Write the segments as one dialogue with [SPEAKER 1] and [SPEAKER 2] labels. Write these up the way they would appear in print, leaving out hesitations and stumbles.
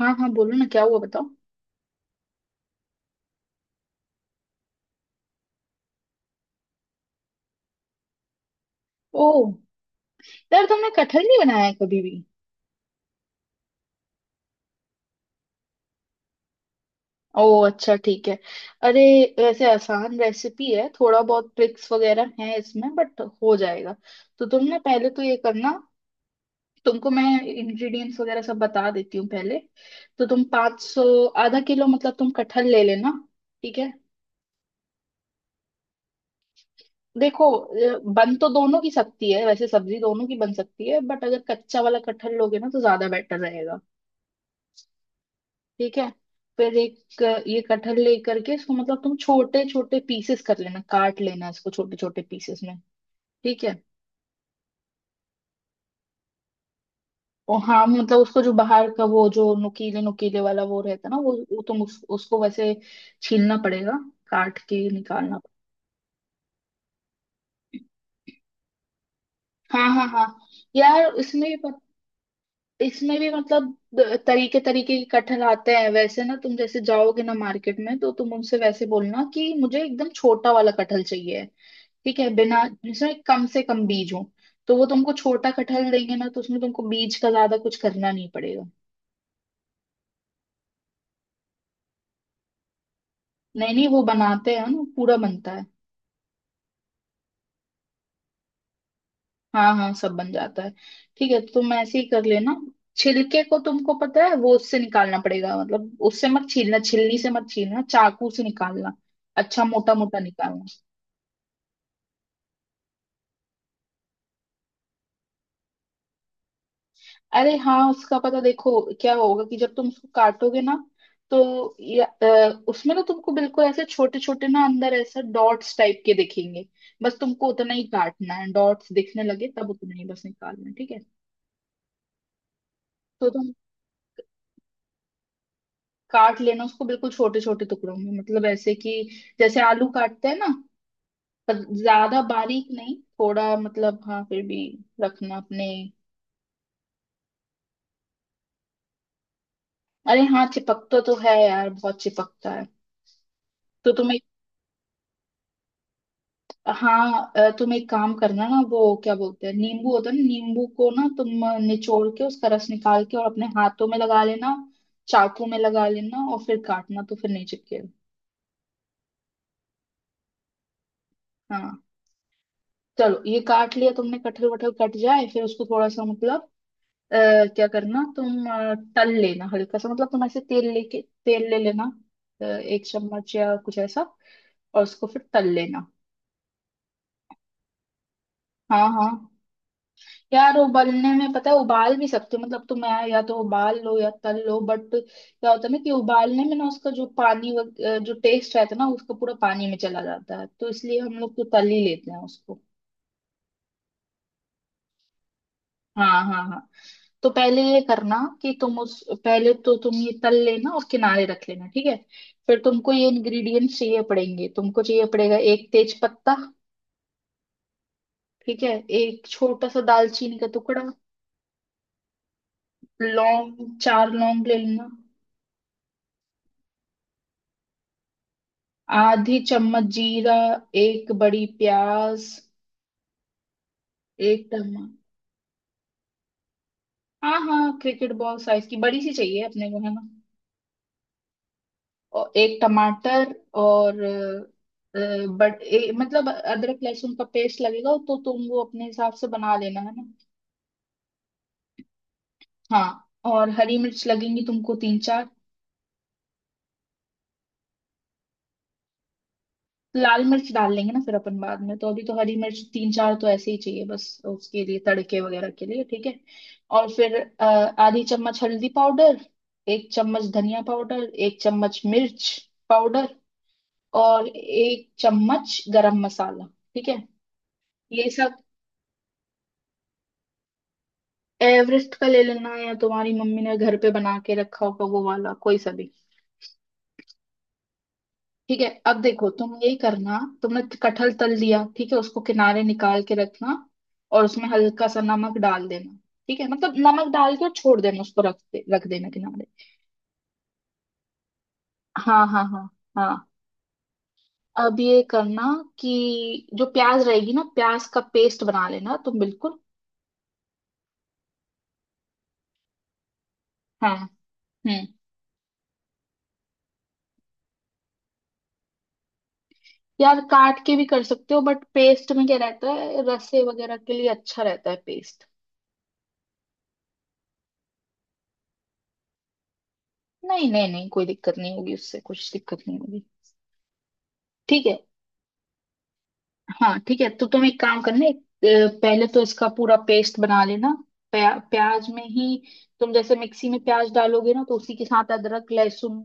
[SPEAKER 1] हाँ हाँ बोलो ना, क्या हुआ बताओ। ओह, यार तुमने कटहल नहीं बनाया है कभी भी? ओह अच्छा, ठीक है। अरे, वैसे आसान रेसिपी है, थोड़ा बहुत ट्रिक्स वगैरह है इसमें बट हो जाएगा। तो तुम ना पहले तो ये करना, तुमको मैं इंग्रेडिएंट्स वगैरह सब बता देती हूँ पहले। तो तुम 500 सौ आधा किलो मतलब तुम कटहल ले लेना। ठीक है, देखो बन तो दोनों की सकती है वैसे, सब्जी दोनों की बन सकती है बट अगर कच्चा वाला कटहल लोगे ना तो ज्यादा बेटर रहेगा। ठीक है, फिर एक ये कटहल लेकर के इसको मतलब तुम छोटे छोटे पीसेस कर लेना, काट लेना इसको छोटे छोटे पीसेस में। ठीक है, और हाँ मतलब उसको जो बाहर का, वो जो नुकीले नुकीले वाला वो रहता है ना, वो तुम उसको वैसे छीलना पड़ेगा, काट के निकालना पड़ेगा। हाँ हाँ हाँ, यार इसमें भी पत- इसमें भी मतलब तरीके तरीके के कटहल आते हैं वैसे ना, तुम जैसे जाओगे ना मार्केट में तो तुम उनसे वैसे बोलना कि मुझे एकदम छोटा वाला कटहल चाहिए। ठीक है, बिना जिसमें कम से कम बीज हो, तो वो तुमको छोटा कटहल देंगे ना, तो उसमें तुमको बीज का ज्यादा कुछ करना नहीं पड़ेगा। नहीं नहीं, वो बनाते हैं ना, पूरा बनता है। हाँ हाँ, सब बन जाता है। ठीक है, तो तुम ऐसे ही कर लेना। छिलके को तुमको पता है वो उससे निकालना पड़ेगा, मतलब उससे मत छीलना, छिलनी से मत छीलना, चाकू से निकालना। अच्छा मोटा मोटा निकालना। अरे हाँ, उसका पता देखो क्या होगा, कि जब तुम उसको काटोगे ना तो उसमें ना तुमको बिल्कुल ऐसे छोटे छोटे ना अंदर ऐसा डॉट्स टाइप के दिखेंगे। बस तुमको उतना ही काटना है, डॉट्स दिखने लगे तब उतना ही बस निकालना है। ठीक है, तो तुम काट लेना उसको बिल्कुल छोटे छोटे टुकड़ों में, मतलब ऐसे कि जैसे आलू काटते हैं ना, पर ज्यादा बारीक नहीं, थोड़ा मतलब हाँ फिर भी रखना अपने। अरे हाँ, चिपकता तो है यार, बहुत चिपकता है। तो तुम तुम एक काम करना ना, वो क्या बोलते हैं, नींबू होता है ना, नींबू को ना तुम निचोड़ के उसका रस निकाल के और अपने हाथों में लगा लेना, चाकू में लगा लेना और फिर काटना, तो फिर नहीं चिपकेगा। हाँ, चलो ये काट लिया तुमने, कटहल वटहल कट जाए फिर उसको थोड़ा सा मतलब अ, क्या करना, तुम तल लेना हल्का सा, मतलब तुम ऐसे तेल ले लेना, एक चम्मच या कुछ ऐसा, और उसको फिर तल लेना। हाँ हाँ, यार उबलने में पता है, उबाल भी सकते हो मतलब तुम, या तो उबाल लो या तल लो, बट क्या होता है ना कि उबालने में ना उसका जो जो टेस्ट रहता है ना उसका पूरा पानी में चला जाता है, तो इसलिए हम लोग तो तल ही लेते हैं उसको। हाँ हाँ हाँ, तो पहले ये करना कि तुम उस पहले तो तुम ये तल लेना और किनारे रख लेना। ठीक है, फिर तुमको ये इंग्रेडिएंट्स चाहिए पड़ेंगे, तुमको चाहिए पड़ेगा एक तेज पत्ता, ठीक है, एक छोटा सा दालचीनी का टुकड़ा, लौंग चार लौंग ले लेना, आधी चम्मच जीरा, एक बड़ी प्याज, एक टमाटर। हाँ हाँ, क्रिकेट बॉल साइज की बड़ी सी चाहिए अपने को, है ना, और एक टमाटर, और मतलब अदरक लहसुन का पेस्ट लगेगा, तो तुम वो अपने हिसाब से बना लेना, है ना। हाँ, और हरी मिर्च लगेंगी तुमको तीन चार। लाल मिर्च डाल लेंगे ना फिर अपन बाद में, तो अभी तो हरी मिर्च तीन चार तो ऐसे ही चाहिए बस उसके लिए, तड़के वगैरह के लिए। ठीक है, और फिर आधी चम्मच हल्दी पाउडर, एक चम्मच धनिया पाउडर, एक चम्मच मिर्च पाउडर, और एक चम्मच गरम मसाला। ठीक है, ये सब एवरेस्ट का ले लेना या तुम्हारी मम्मी ने घर पे बना के रखा होगा वो वाला कोई सा भी। ठीक है, अब देखो तुम यही करना, तुमने कटहल तल दिया, ठीक है, उसको किनारे निकाल के रखना और उसमें हल्का सा नमक डाल देना। ठीक है, मतलब नमक डाल के और छोड़ देना उसको, रख देना किनारे। हाँ हाँ हाँ हाँ, अब ये करना कि जो प्याज रहेगी ना, प्याज का पेस्ट बना लेना तुम बिल्कुल। हाँ हम्म, यार काट के भी कर सकते हो बट पेस्ट में क्या रहता है, रसे वगैरह के लिए अच्छा रहता है पेस्ट। नहीं नहीं नहीं, कोई दिक्कत नहीं होगी उससे, कुछ दिक्कत नहीं होगी। ठीक है, हाँ ठीक है, तो तुम एक काम करना, पहले तो इसका पूरा पेस्ट बना लेना, प्याज में ही। तुम जैसे मिक्सी में प्याज डालोगे ना, तो उसी के साथ अदरक लहसुन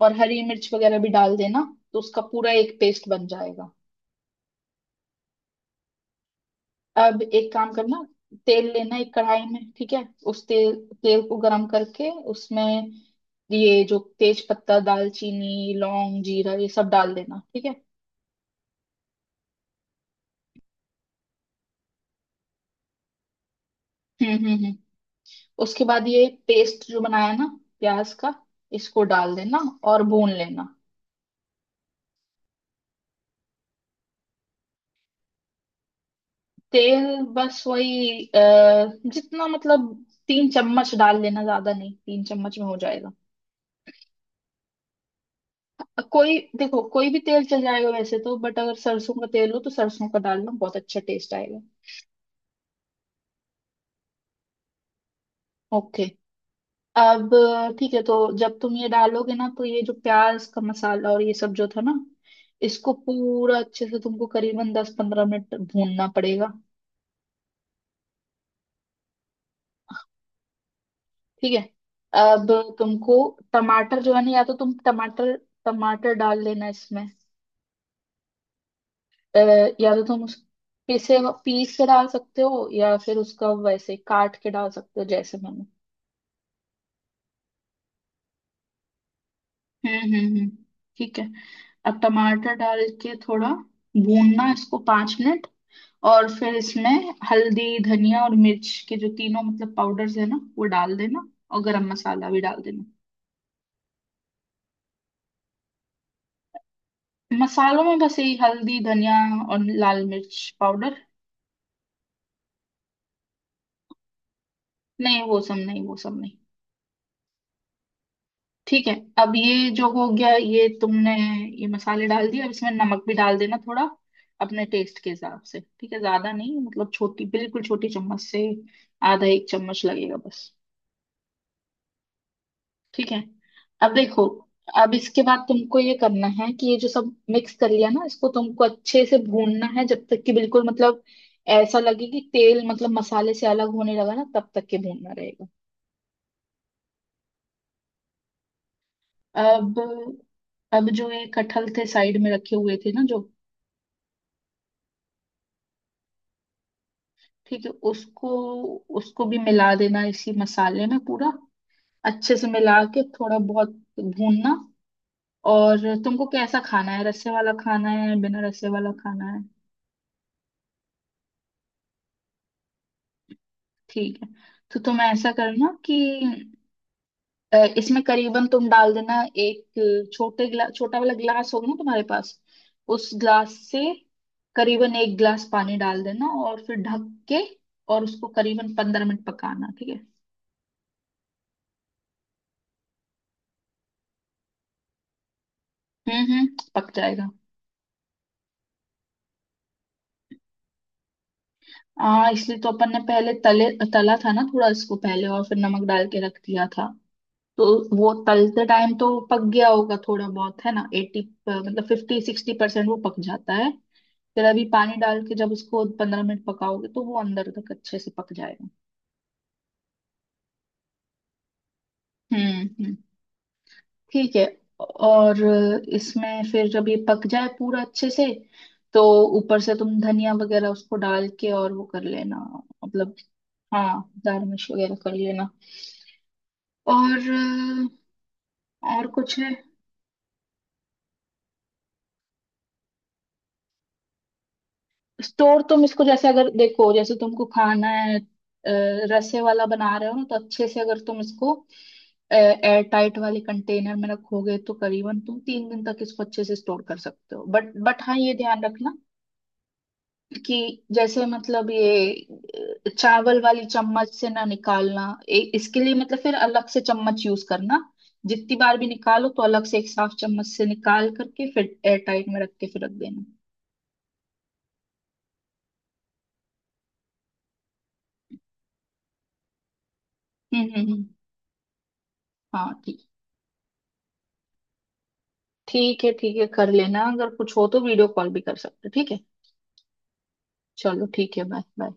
[SPEAKER 1] और हरी मिर्च वगैरह भी डाल देना, तो उसका पूरा एक पेस्ट बन जाएगा। अब एक काम करना, तेल लेना एक कढ़ाई में, ठीक है, उस तेल तेल को गरम करके उसमें ये जो तेज पत्ता, दालचीनी, लौंग, जीरा ये सब डाल देना। ठीक है, हम्म, उसके बाद ये पेस्ट जो बनाया ना, प्याज का, इसको डाल देना और भून लेना। तेल बस वही जितना मतलब तीन चम्मच डाल लेना, ज्यादा नहीं, तीन चम्मच में हो जाएगा। कोई देखो, कोई भी तेल चल जाएगा वैसे तो, बट अगर सरसों का तेल हो तो सरसों का डालना, बहुत अच्छा टेस्ट आएगा। ओके, अब ठीक है, तो जब तुम ये डालोगे ना, तो ये जो प्याज का मसाला और ये सब जो था ना, इसको पूरा अच्छे से तुमको करीबन 10 पंद्रह मिनट भूनना पड़ेगा। ठीक है, अब तुमको टमाटर जो है ना, या तो तुम टमाटर टमाटर डाल लेना इसमें, अ, या तो तुम उस पीसे पीस के डाल सकते हो या फिर उसका वैसे काट के डाल सकते हो जैसे मैंने। हम्म हम्म हम्म, ठीक है, अब टमाटर डाल के थोड़ा भूनना इसको 5 मिनट और फिर इसमें हल्दी, धनिया और मिर्च के जो तीनों मतलब पाउडर्स है ना वो डाल देना, और गरम मसाला भी डाल देना। मसालों में बस यही, हल्दी, धनिया और लाल मिर्च पाउडर। नहीं वो सब नहीं, वो सब नहीं। ठीक है, अब ये जो हो गया, ये तुमने ये मसाले डाल दिए, अब इसमें नमक भी डाल देना थोड़ा अपने टेस्ट के हिसाब से, ठीक है, ज्यादा नहीं, मतलब छोटी, बिल्कुल छोटी चम्मच से आधा एक चम्मच लगेगा बस। ठीक है, अब देखो, अब इसके बाद तुमको ये करना है कि ये जो सब मिक्स कर लिया ना, इसको तुमको अच्छे से भूनना है जब तक कि बिल्कुल मतलब ऐसा लगे कि तेल मतलब मसाले से अलग होने लगा ना, तब तक के भूनना रहेगा। अब अब जो ये कटहल थे साइड में रखे हुए थे ना जो, ठीक है उसको, उसको भी मिला देना इसी मसाले में पूरा, अच्छे से मिला के थोड़ा बहुत भूनना। और तुमको कैसा खाना है, रस्से वाला खाना है बिना रस्से वाला खाना है? ठीक है, तो तुम ऐसा करना कि इसमें करीबन तुम डाल देना एक छोटा वाला ग्लास होगा ना तुम्हारे पास, उस ग्लास से करीबन एक ग्लास पानी डाल देना और फिर ढक के और उसको करीबन 15 मिनट पकाना। ठीक है, हम्म, पक जाएगा। हाँ इसलिए तो अपन ने पहले तले तला था ना थोड़ा इसको पहले, और फिर नमक डाल के रख दिया था, तो वो तलते टाइम तो पक गया होगा थोड़ा बहुत, है ना, एटी, मतलब 50 60% वो पक जाता है। फिर अभी पानी डाल के जब उसको 15 मिनट पकाओगे तो वो अंदर तक अच्छे से पक जाएगा। हम्म हम्म, ठीक है और इसमें फिर जब ये पक जाए पूरा अच्छे से, तो ऊपर से तुम धनिया वगैरह उसको डाल के और वो कर लेना, मतलब हाँ दाल मिर्च वगैरह कर लेना। और और कुछ है? स्टोर तुम इसको जैसे अगर देखो, जैसे तुमको खाना है रसे वाला बना रहे हो ना, तो अच्छे से अगर तुम इसको एयर टाइट वाले कंटेनर में रखोगे तो करीबन तुम 3 दिन तक इसको अच्छे से स्टोर कर सकते हो, बट हाँ ये ध्यान रखना कि जैसे मतलब ये चावल वाली चम्मच से ना निकालना, इसके लिए मतलब फिर अलग से चम्मच यूज करना, जितनी बार भी निकालो तो अलग से एक साफ चम्मच से निकाल करके फिर एयर टाइट में रख के फिर रख देना। हम्म, हाँ ठीक, ठीक है ठीक है, कर लेना, अगर कुछ हो तो वीडियो कॉल भी कर सकते हो, ठीक है। चलो ठीक है, बाय बाय।